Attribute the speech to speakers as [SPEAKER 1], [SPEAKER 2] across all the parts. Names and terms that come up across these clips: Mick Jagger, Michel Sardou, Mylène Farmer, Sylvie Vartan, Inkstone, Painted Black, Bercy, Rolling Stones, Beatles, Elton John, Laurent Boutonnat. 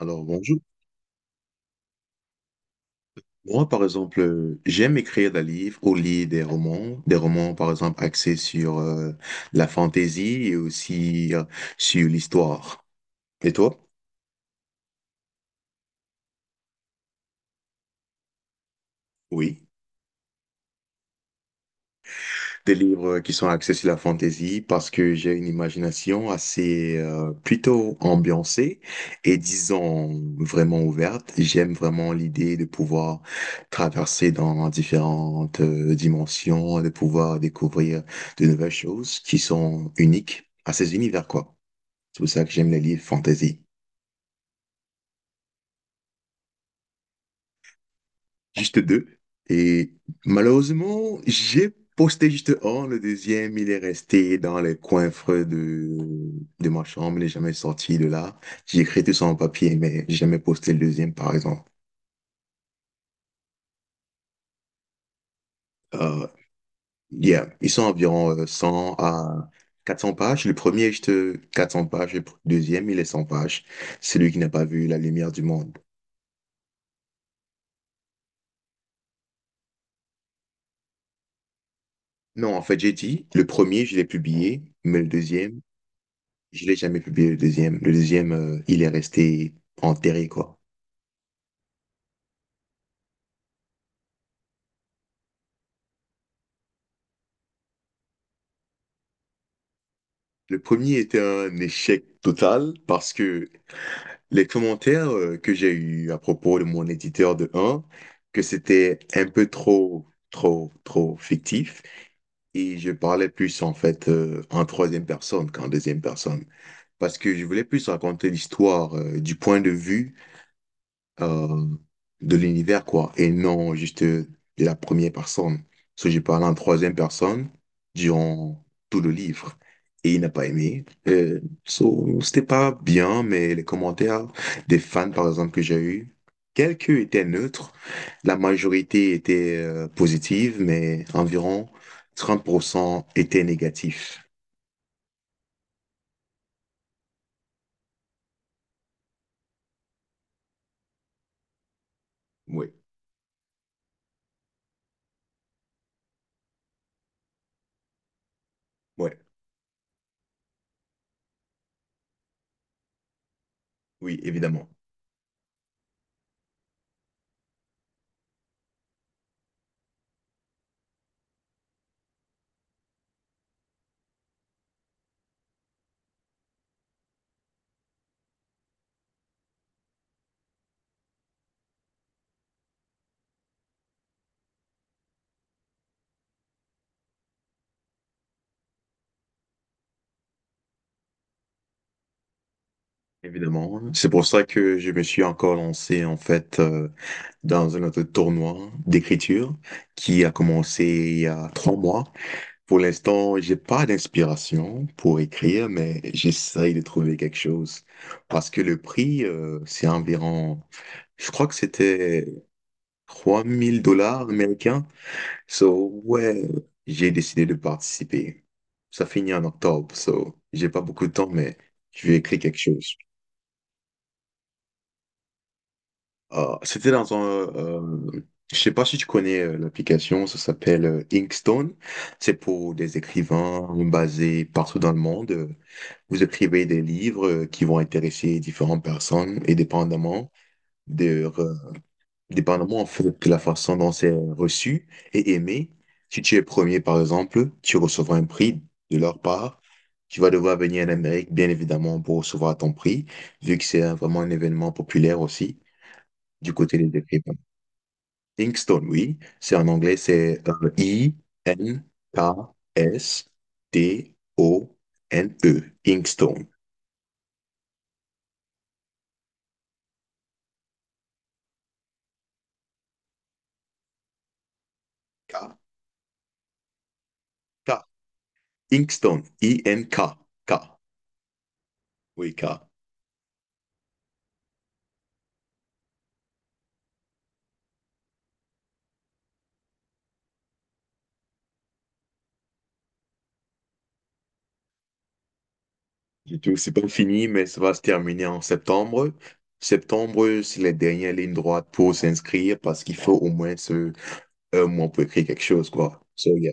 [SPEAKER 1] Alors bonjour. Moi, par exemple, j'aime écrire des livres au lit des romans, par exemple, axés sur la fantaisie et aussi sur l'histoire. Et toi? Oui. Des livres qui sont axés sur la fantaisie parce que j'ai une imagination assez plutôt ambiancée et disons vraiment ouverte. J'aime vraiment l'idée de pouvoir traverser dans différentes dimensions, de pouvoir découvrir de nouvelles choses qui sont uniques à ces univers, quoi. C'est pour ça que j'aime les livres fantasy. Juste deux. Et malheureusement, j'ai posté juste un. Le deuxième, il est resté dans les coins coiffres de ma chambre. Il n'est jamais sorti de là. J'ai écrit tout ça en papier, mais j'ai jamais posté le deuxième, par exemple. Euh, yeah. Ils sont environ 100 à 400 pages. Le premier est juste 400 pages. Le deuxième, il est 100 pages. C'est lui qui n'a pas vu la lumière du monde. Non, en fait, j'ai dit, le premier, je l'ai publié, mais le deuxième. Je l'ai jamais publié le deuxième. Le deuxième, il est resté enterré, quoi. Le premier était un échec total parce que les commentaires que j'ai eus à propos de mon éditeur de un, que c'était un peu trop, trop, trop fictif. Et je parlais plus en fait en troisième personne qu'en deuxième personne. Parce que je voulais plus raconter l'histoire du point de vue euh, de l'univers, quoi, et non juste de la première personne. Parce que j'ai parlé en troisième personne durant tout le livre. Et il n'a pas aimé. So, c'était pas bien, mais les commentaires des fans, par exemple, que j'ai eu, quelques étaient neutres. La majorité était positive, mais environ 30% étaient négatifs. Oui, ouais, oui, évidemment. Évidemment. C'est pour ça que je me suis encore lancé, en fait, dans un autre tournoi d'écriture qui a commencé il y a 3 mois. Pour l'instant, j'ai pas d'inspiration pour écrire, mais j'essaye de trouver quelque chose. Parce que le prix, c'est environ, je crois que c'était 3 000 dollars américains. So, ouais, j'ai décidé de participer. Ça finit en octobre, so, j'ai pas beaucoup de temps, mais je vais écrire quelque chose. Ah, c'était dans un. Euh, je sais pas si tu connais l'application, ça s'appelle Inkstone. C'est pour des écrivains basés partout dans le monde. Vous écrivez des livres qui vont intéresser différentes personnes et de, euh, dépendamment en fait de la façon dont c'est reçu et aimé. Si tu es premier, par exemple, tu recevras un prix de leur part. Tu vas devoir venir en Amérique, bien évidemment, pour recevoir ton prix, vu que c'est vraiment un événement populaire aussi du côté des écrivains. Inkstone, oui. C'est en anglais, c'est Inkstone. Inkstone. K. K. Inkstone, INK. K. K. Oui, K. Du tout, c'est pas fini, mais ça va se terminer en septembre. Septembre, c'est les dernières lignes droites pour s'inscrire parce qu'il faut au moins 1 mois pour écrire quelque chose, quoi. So, yeah.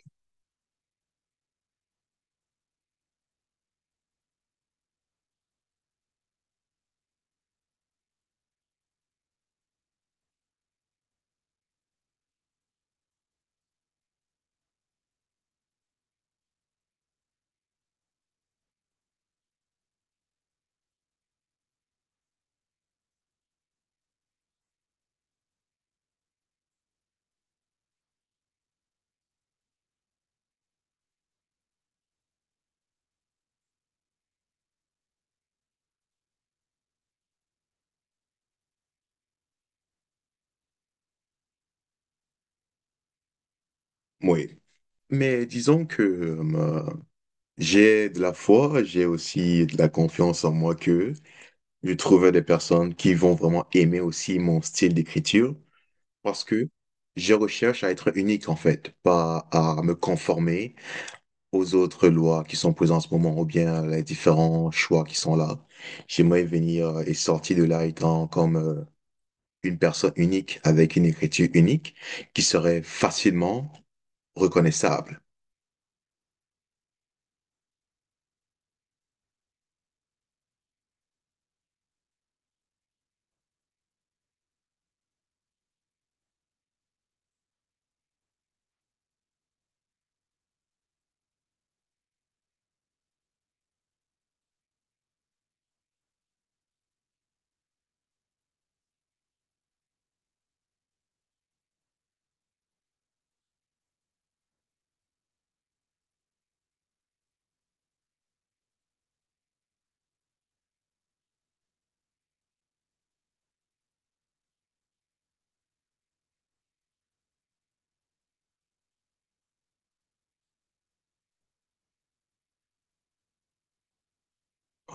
[SPEAKER 1] Oui. Mais disons que j'ai de la foi, j'ai aussi de la confiance en moi que je trouve des personnes qui vont vraiment aimer aussi mon style d'écriture parce que je recherche à être unique en fait, pas à me conformer aux autres lois qui sont présentes en ce moment ou bien à les différents choix qui sont là. J'aimerais venir et sortir de là étant comme une personne unique avec une écriture unique qui serait facilement reconnaissable.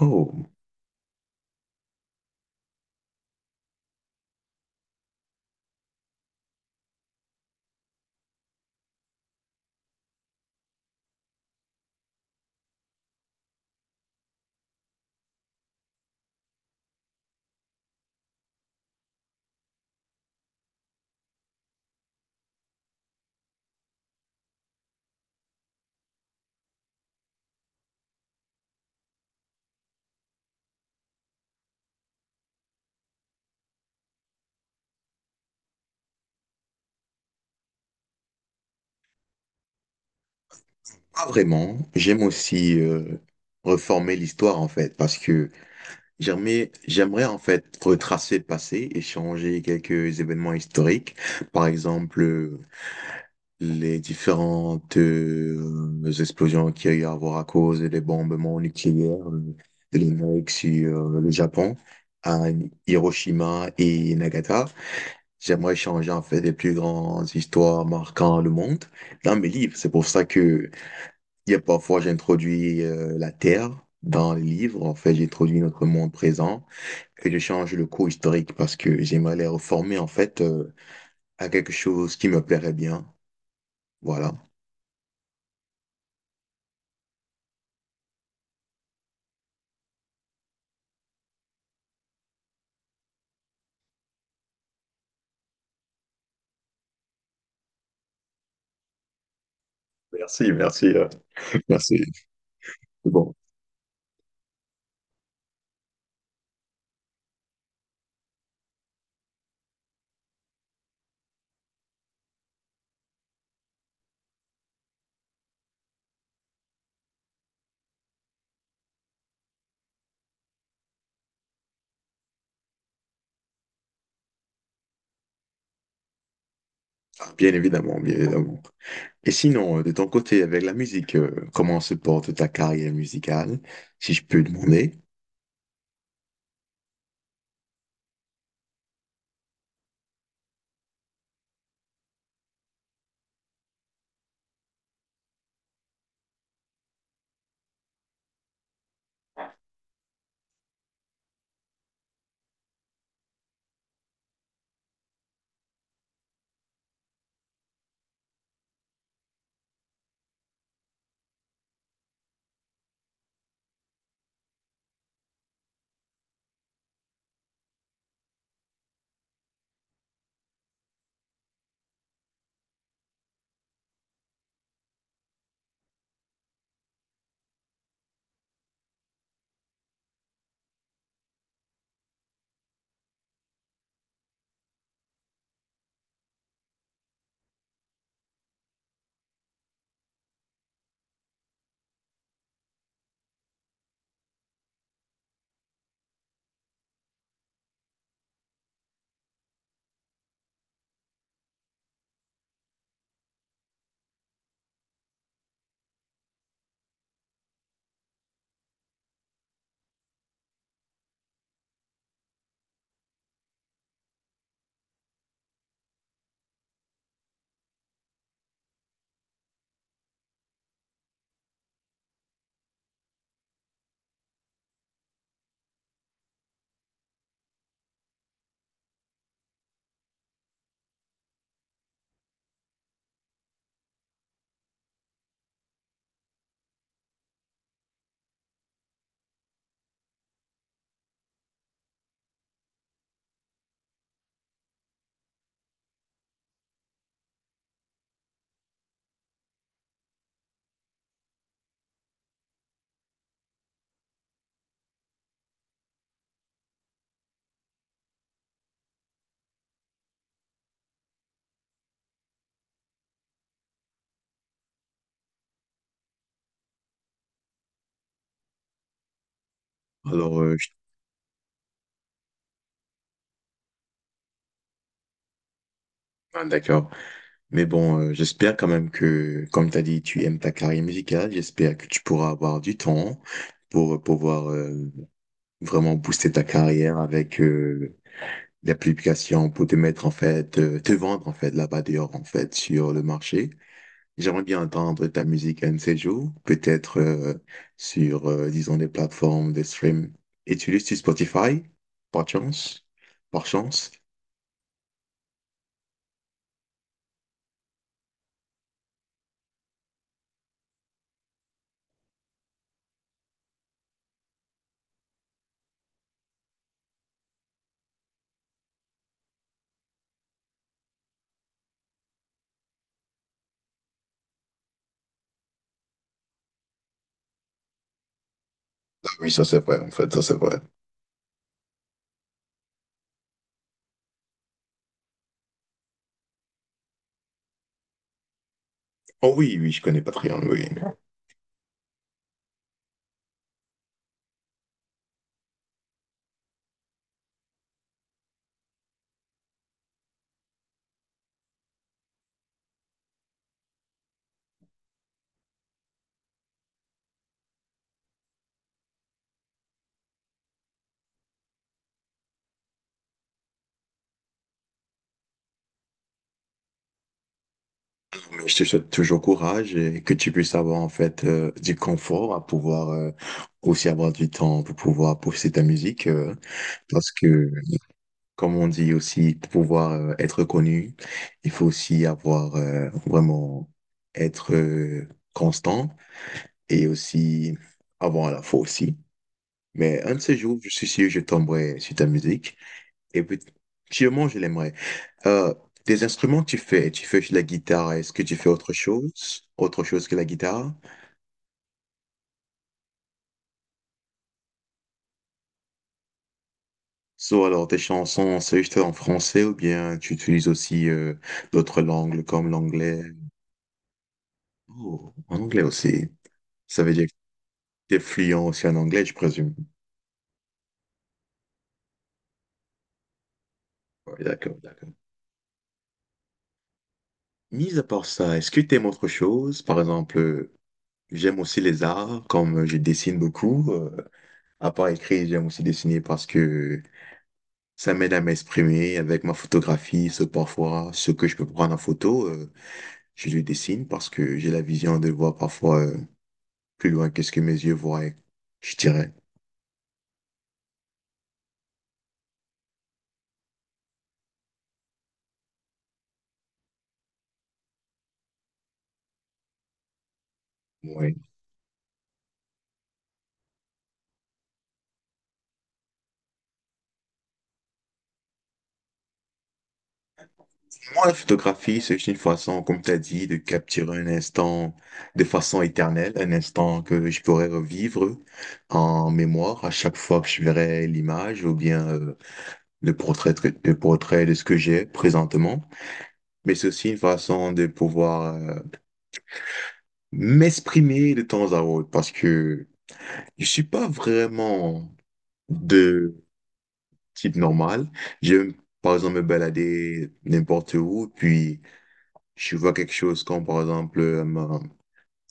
[SPEAKER 1] Oh, pas vraiment. J'aime aussi reformer l'histoire en fait parce que j'aimerais en fait retracer le passé, échanger quelques événements historiques, par exemple les différentes explosions qu'il y a eu à voir à cause des bombements nucléaires de l'Amérique sur le Japon à Hiroshima et Nagata. J'aimerais échanger en fait des plus grandes histoires marquant le monde dans mes livres. C'est pour ça que il y a parfois j'introduis la Terre dans les livres. En fait, j'introduis notre monde présent que je change le cours historique parce que j'aimerais les reformer en fait à quelque chose qui me plairait bien. Voilà. Merci, merci, merci. Bon. Ah, bien évidemment, bien évidemment. Et sinon, de ton côté, avec la musique, comment se porte ta carrière musicale, si je peux demander? Alors. Ah, d'accord. Mais bon, j'espère quand même que, comme tu as dit, tu aimes ta carrière musicale. J'espère que tu pourras avoir du temps pour pouvoir vraiment booster ta carrière avec la publication pour te mettre en fait, te vendre en fait là-bas dehors en fait sur le marché. J'aimerais bien entendre ta musique un de ces jours, peut-être sur, disons, des plateformes de stream. Et tu l'utilises Spotify, par chance? Par chance? Ah oui, ça c'est vrai, en fait, ça c'est vrai. Oh oui, oui, je connais Patreon, oui. Mais je te souhaite toujours courage et que tu puisses avoir en fait du confort à pouvoir aussi avoir du temps pour pouvoir pousser ta musique parce que comme on dit aussi pour pouvoir être connu, il faut aussi avoir vraiment être constant et aussi avoir à la fois aussi. Mais un de ces jours, je suis sûr, je tomberai sur ta musique et puis sûrement je l'aimerai. Euh, des instruments, tu fais de la guitare. Est-ce que tu fais autre chose que la guitare? Soit alors tes chansons, c'est juste en français ou bien tu utilises aussi d'autres langues comme l'anglais. Oh, en anglais aussi. Ça veut dire que tu es fluent aussi en anglais, je présume. Ouais, d'accord, d'accord. Mis à part ça, est-ce que tu aimes autre chose? Par exemple, j'aime aussi les arts, comme je dessine beaucoup. À part écrire, j'aime aussi dessiner parce que ça m'aide à m'exprimer avec ma photographie, ce parfois, ce que je peux prendre en photo. Je le dessine parce que j'ai la vision de voir parfois plus loin que ce que mes yeux voient, je dirais. Ouais. Moi, la photographie, c'est juste une façon, comme tu as dit, de capturer un instant de façon éternelle, un instant que je pourrais revivre en mémoire à chaque fois que je verrai l'image ou bien le portrait, le portrait de ce que j'ai présentement. Mais c'est aussi une façon de pouvoir m'exprimer de temps à autre parce que je suis pas vraiment de type normal. J'aime, par exemple, me balader n'importe où, puis je vois quelque chose comme, par exemple, un,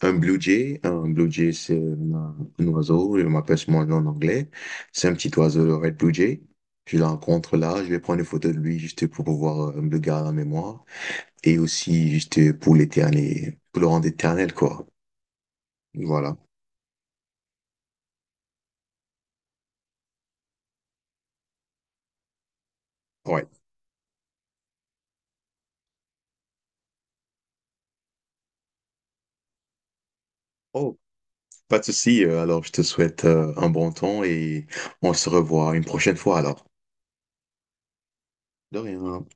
[SPEAKER 1] un blue jay. Un blue jay, c'est un oiseau, je m'appelle ce nom en anglais. C'est un petit oiseau, le red blue jay. Je le rencontre là, je vais prendre une photo de lui juste pour pouvoir me le garder en mémoire et aussi juste pour l'éternel, pour le rendre éternel, quoi. Voilà. Ouais. Pas de souci, alors je te souhaite un bon temps et on se revoit une prochaine fois alors. De rien.